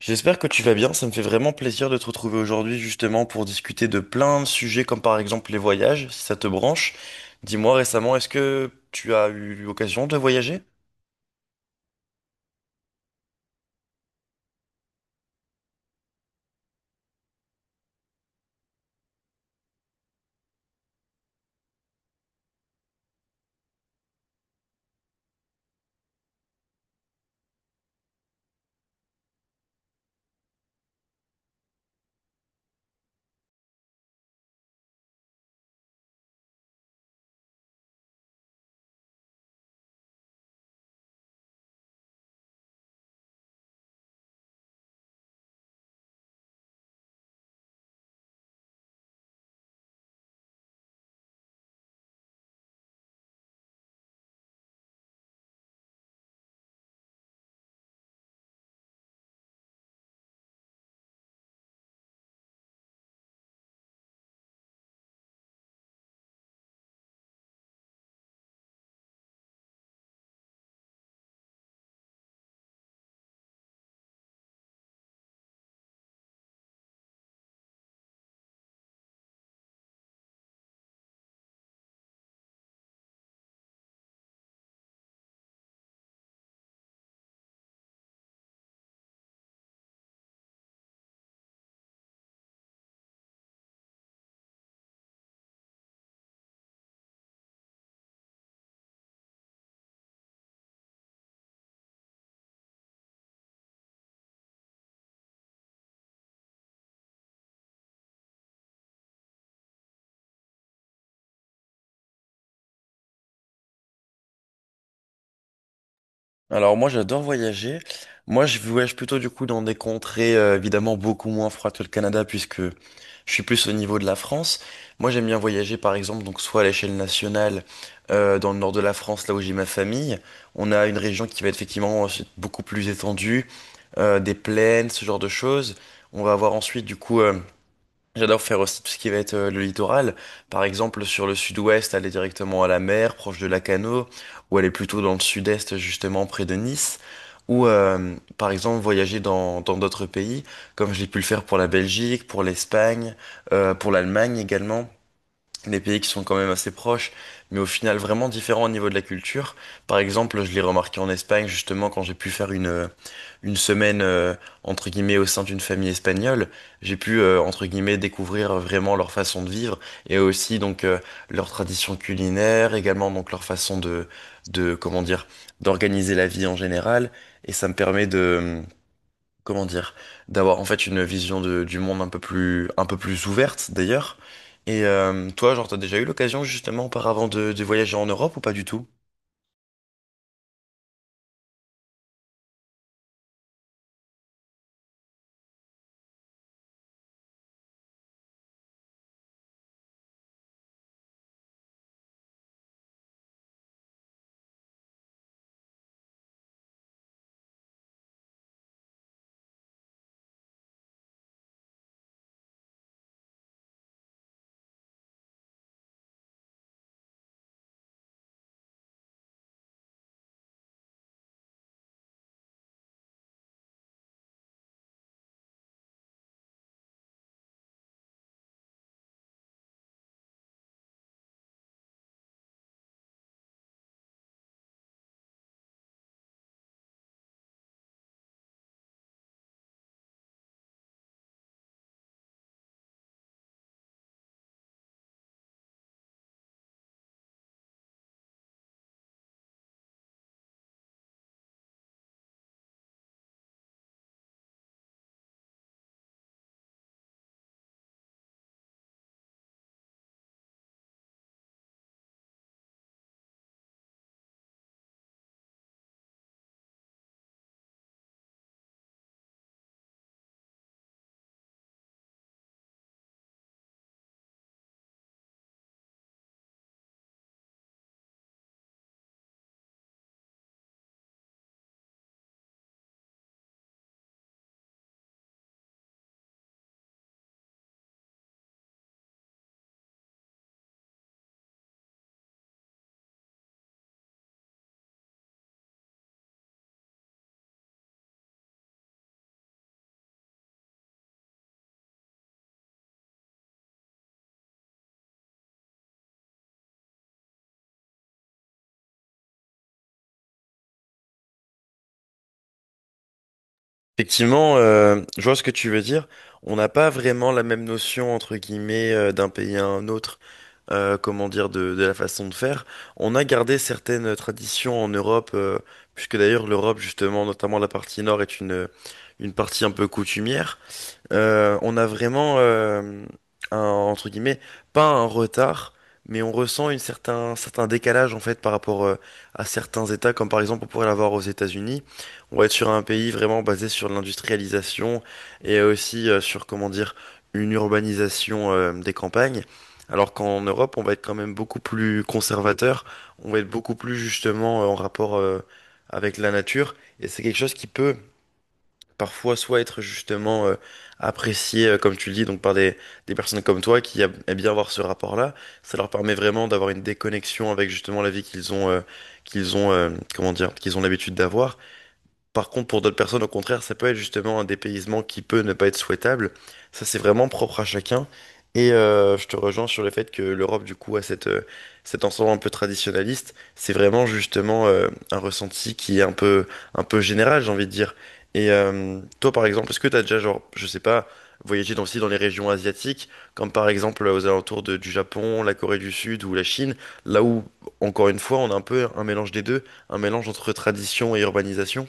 J'espère que tu vas bien, ça me fait vraiment plaisir de te retrouver aujourd'hui justement pour discuter de plein de sujets comme par exemple les voyages, si ça te branche. Dis-moi récemment, est-ce que tu as eu l'occasion de voyager? Alors moi j'adore voyager. Moi je voyage plutôt du coup dans des contrées évidemment beaucoup moins froides que le Canada puisque je suis plus au niveau de la France. Moi j'aime bien voyager par exemple donc soit à l'échelle nationale dans le nord de la France là où j'ai ma famille. On a une région qui va être effectivement beaucoup plus étendue. Des plaines, ce genre de choses. On va avoir ensuite, du coup, j'adore faire aussi tout ce qui va être le littoral. Par exemple, sur le sud-ouest, aller directement à la mer, proche de Lacanau, ou aller plutôt dans le sud-est, justement, près de Nice. Ou, par exemple, voyager dans d'autres pays, comme j'ai pu le faire pour la Belgique, pour l'Espagne, pour l'Allemagne également, des pays qui sont quand même assez proches, mais au final vraiment différents au niveau de la culture. Par exemple, je l'ai remarqué en Espagne, justement, quand j'ai pu faire une semaine, entre guillemets, au sein d'une famille espagnole, j'ai pu, entre guillemets, découvrir vraiment leur façon de vivre et aussi, donc, leur tradition culinaire, également, donc, leur façon de comment dire, d'organiser la vie en général. Et ça me permet de, comment dire, d'avoir en fait une vision du monde un peu plus ouverte d'ailleurs. Et toi, genre, t'as déjà eu l'occasion justement auparavant de voyager en Europe ou pas du tout? Effectivement, je vois ce que tu veux dire. On n'a pas vraiment la même notion entre guillemets d'un pays à un autre, comment dire, de la façon de faire. On a gardé certaines traditions en Europe, puisque d'ailleurs l'Europe justement, notamment la partie nord, est une partie un peu coutumière. On a vraiment, un, entre guillemets, pas un retard, mais on ressent une certain, un certain décalage en fait par rapport à certains États, comme par exemple on pourrait l'avoir aux États-Unis. On va être sur un pays vraiment basé sur l'industrialisation et aussi sur, comment dire, une urbanisation des campagnes. Alors qu'en Europe, on va être quand même beaucoup plus conservateur, on va être beaucoup plus justement en rapport avec la nature, et c'est quelque chose qui peut parfois soit être justement apprécié, comme tu le dis, donc par des personnes comme toi qui aiment bien avoir ce rapport-là. Ça leur permet vraiment d'avoir une déconnexion avec justement la vie qu'ils ont, comment dire, qu'ils ont l'habitude d'avoir. Par contre, pour d'autres personnes, au contraire, ça peut être justement un dépaysement qui peut ne pas être souhaitable. Ça, c'est vraiment propre à chacun. Et je te rejoins sur le fait que l'Europe, du coup, a cette, cet ensemble un peu traditionnaliste. C'est vraiment justement un ressenti qui est un peu général, j'ai envie de dire. Et toi, par exemple, est-ce que tu as déjà, genre, je sais pas, voyagé dans, aussi dans les régions asiatiques, comme par exemple aux alentours du Japon, la Corée du Sud ou la Chine, là où, encore une fois, on a un peu un mélange des deux, un mélange entre tradition et urbanisation?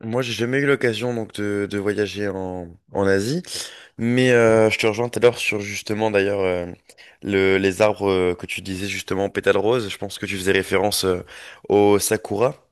Moi, j'ai jamais eu l'occasion donc de voyager en, en Asie, mais je te rejoins tout à l'heure sur justement d'ailleurs le, les arbres que tu disais justement pétales roses. Je pense que tu faisais référence au sakura.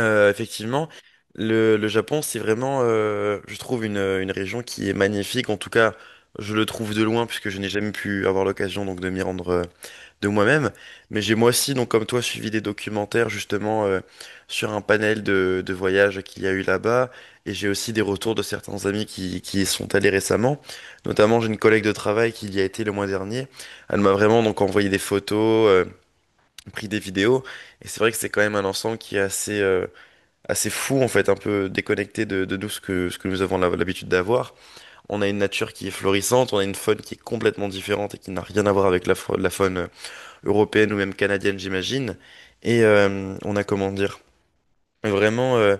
Effectivement, le Japon, c'est vraiment, je trouve une région qui est magnifique. En tout cas, je le trouve de loin puisque je n'ai jamais pu avoir l'occasion donc de m'y rendre de moi-même, mais j'ai moi aussi, donc comme toi, suivi des documentaires justement sur un panel de voyages qu'il y a eu là-bas, et j'ai aussi des retours de certains amis qui y sont allés récemment. Notamment, j'ai une collègue de travail qui y a été le mois dernier. Elle m'a vraiment donc envoyé des photos, pris des vidéos, et c'est vrai que c'est quand même un ensemble qui est assez assez fou en fait, un peu déconnecté de nous ce que nous avons l'habitude d'avoir. On a une nature qui est florissante, on a une faune qui est complètement différente et qui n'a rien à voir avec la, la faune européenne ou même canadienne, j'imagine. Et on a, comment dire, vraiment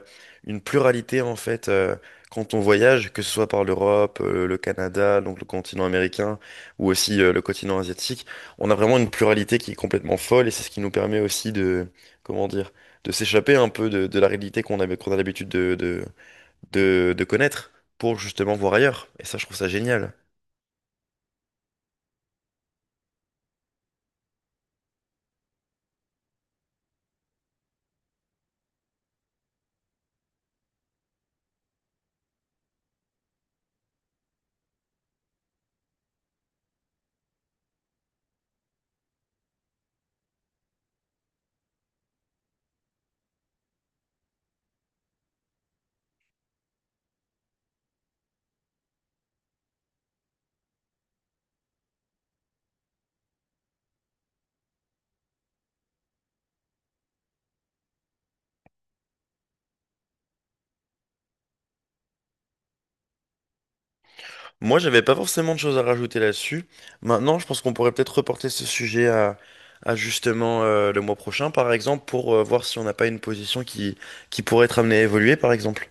une pluralité, en fait, quand on voyage, que ce soit par l'Europe, le Canada, donc le continent américain, ou aussi le continent asiatique, on a vraiment une pluralité qui est complètement folle, et c'est ce qui nous permet aussi de, comment dire, de s'échapper un peu de la réalité qu'on avait, qu'on a l'habitude de connaître pour justement voir ailleurs. Et ça, je trouve ça génial. Moi, j'avais pas forcément de choses à rajouter là-dessus. Maintenant, je pense qu'on pourrait peut-être reporter ce sujet à justement le mois prochain, par exemple, pour voir si on n'a pas une position qui pourrait être amenée à évoluer, par exemple.